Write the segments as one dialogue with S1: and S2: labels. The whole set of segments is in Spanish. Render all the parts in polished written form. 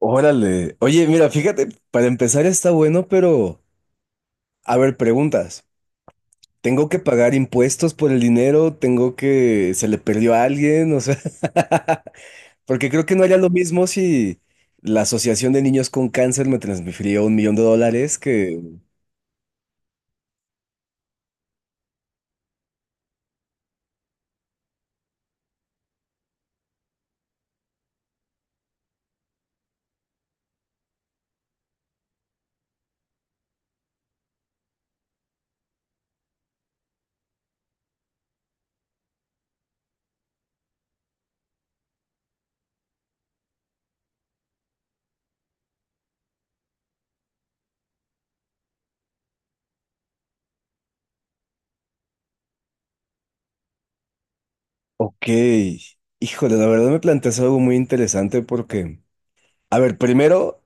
S1: Órale. Oye, mira, fíjate, para empezar está bueno, pero a ver, preguntas. ¿Tengo que pagar impuestos por el dinero? ¿Tengo que se le perdió a alguien? O sea, porque creo que no haría lo mismo si la Asociación de Niños con Cáncer me transfirió $1 millón que... Ok. Híjole, la verdad me planteas algo muy interesante porque, a ver, primero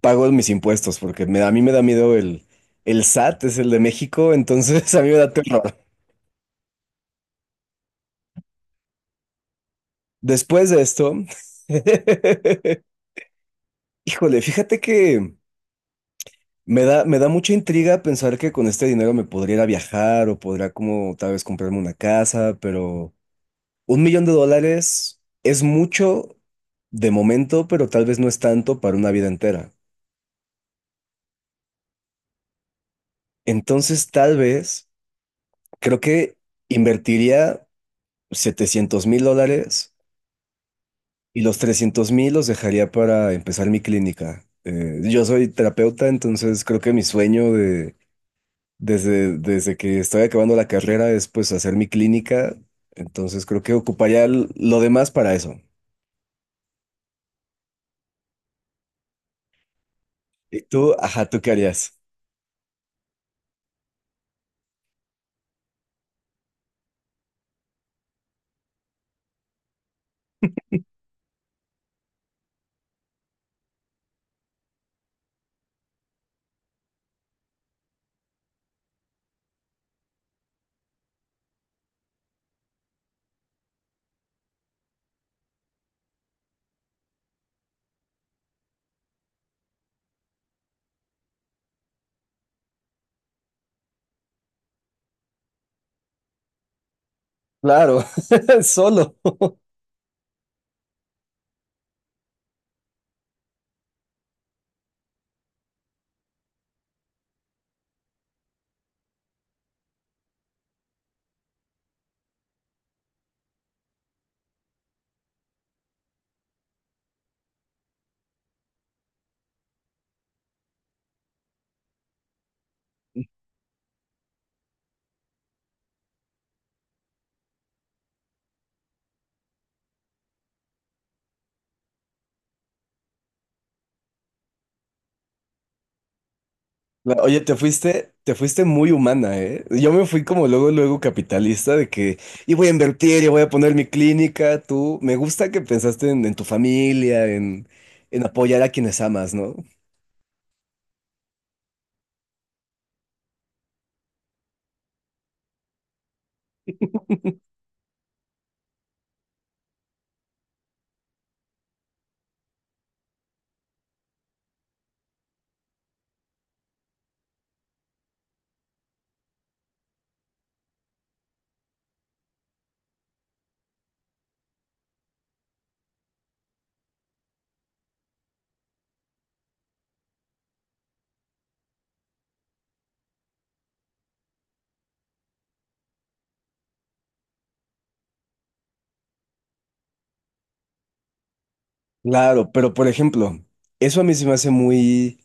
S1: pago mis impuestos porque a mí me da miedo el SAT, es el de México, entonces a mí me da terror. Después de esto, híjole, fíjate que me da mucha intriga pensar que con este dinero me podría ir a viajar o podría como tal vez comprarme una casa, pero un millón de dólares es mucho de momento, pero tal vez no es tanto para una vida entera. Entonces, tal vez, creo que invertiría $700.000 y los 300.000 los dejaría para empezar mi clínica. Yo soy terapeuta, entonces creo que mi sueño de Desde que estoy acabando la carrera es pues hacer mi clínica, entonces creo que ocuparía lo demás para eso. ¿Y tú? Ajá, ¿tú qué harías? Claro, solo. Oye, te fuiste muy humana, ¿eh? Yo me fui como luego, luego capitalista de que, y voy a invertir, y voy a poner mi clínica, tú. Me gusta que pensaste en tu familia, en apoyar a quienes amas, ¿no? Claro, pero por ejemplo, eso a mí se me hace muy,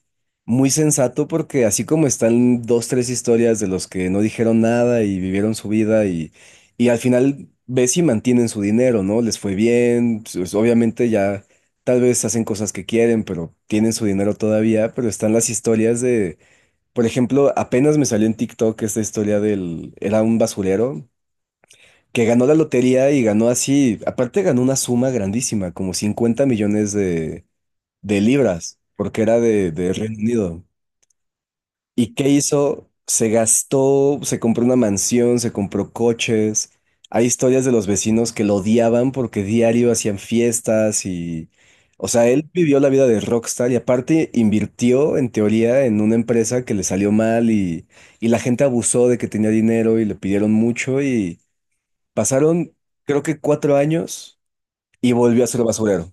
S1: muy sensato porque así como están dos, tres historias de los que no dijeron nada y vivieron su vida y al final ves si mantienen su dinero, ¿no? Les fue bien, pues, obviamente ya tal vez hacen cosas que quieren, pero tienen su dinero todavía, pero están las historias de, por ejemplo, apenas me salió en TikTok esta historia del, era un basurero que ganó la lotería y ganó así, aparte ganó una suma grandísima, como 50 millones de libras, porque era de Reino Unido. ¿Y qué hizo? Se gastó, se compró una mansión, se compró coches. Hay historias de los vecinos que lo odiaban porque diario hacían fiestas y... O sea, él vivió la vida de rockstar y aparte invirtió en teoría en una empresa que le salió mal y la gente abusó de que tenía dinero y le pidieron mucho y pasaron creo que 4 años y volvió a ser basurero.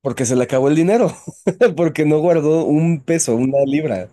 S1: Porque se le acabó el dinero, porque no guardó un peso, una libra.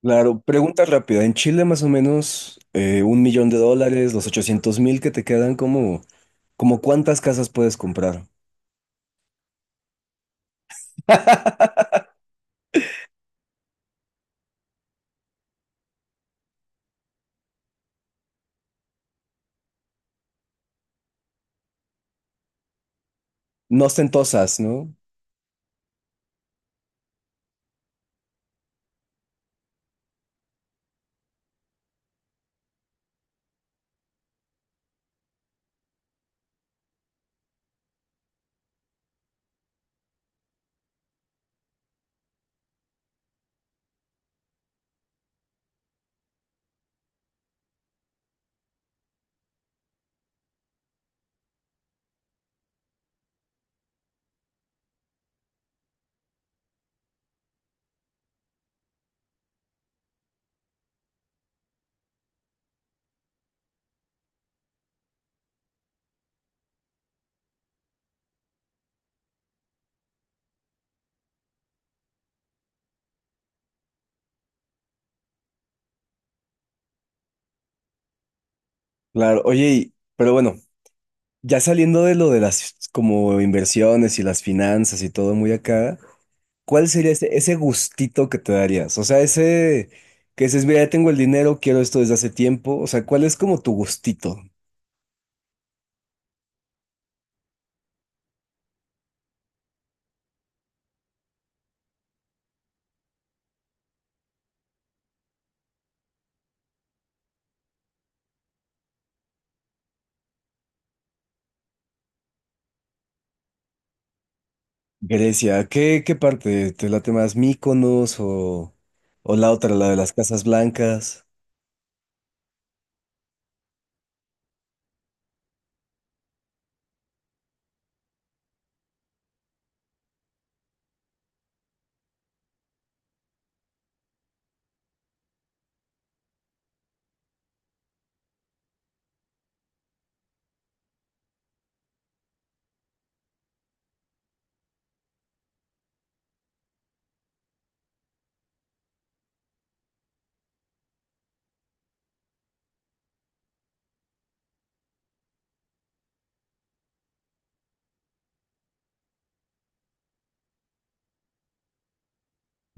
S1: Claro, pregunta rápida. En Chile más o menos $1 millón, los 800.000 que te quedan, como, como cuántas casas puedes comprar? No ostentosas, ¿no? Claro, oye, pero bueno, ya saliendo de lo de las como inversiones y las finanzas y todo muy acá, ¿cuál sería ese, ese gustito que te darías? O sea, ese que dices, mira, ya tengo el dinero, quiero esto desde hace tiempo. O sea, ¿cuál es como tu gustito? Grecia, ¿qué, qué parte? ¿Te late más Mykonos o la otra, la de las Casas Blancas?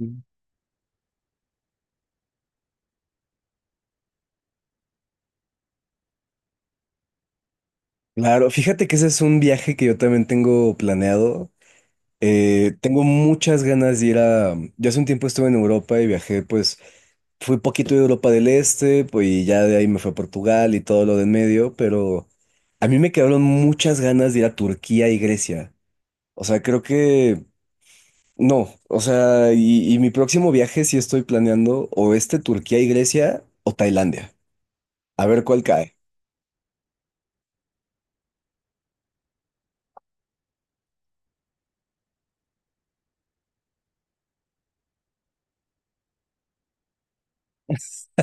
S1: Mm. Claro, fíjate que ese es un viaje que yo también tengo planeado. Tengo muchas ganas de ir a... Yo hace un tiempo estuve en Europa y viajé, pues fui poquito de Europa del Este, pues y ya de ahí me fue a Portugal y todo lo de en medio, pero a mí me quedaron muchas ganas de ir a Turquía y Grecia. O sea, creo que... No, o sea, y mi próximo viaje sí estoy planeando o este Turquía y Grecia o Tailandia. A ver cuál cae.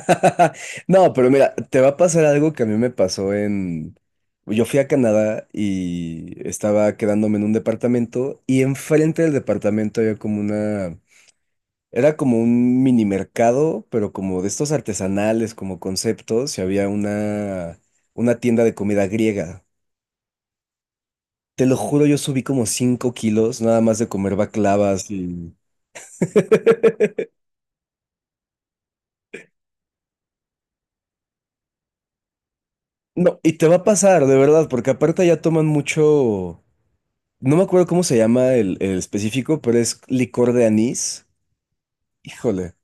S1: No, pero mira, te va a pasar algo que a mí me pasó en... Yo fui a Canadá y estaba quedándome en un departamento y enfrente del departamento había como una... Era como un mini mercado, pero como de estos artesanales, como conceptos, y había una tienda de comida griega. Te lo juro, yo subí como 5 kilos nada más de comer baklavas y... No, y te va a pasar, de verdad, porque aparte ya toman mucho... No me acuerdo cómo se llama el específico, pero es licor de anís. Híjole,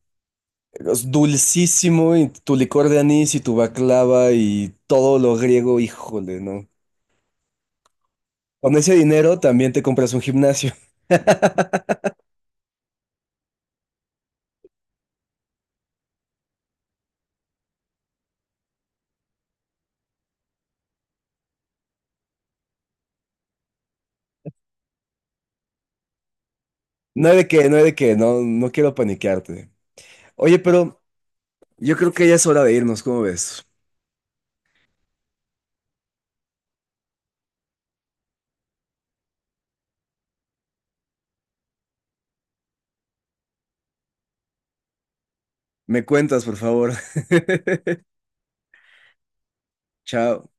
S1: es dulcísimo y tu licor de anís y tu baklava y todo lo griego, híjole, ¿no? Con ese dinero también te compras un gimnasio. No hay de qué, no hay de qué, no, no quiero paniquearte. Oye, pero yo creo que ya es hora de irnos, ¿cómo ves? Me cuentas, por favor. Chao.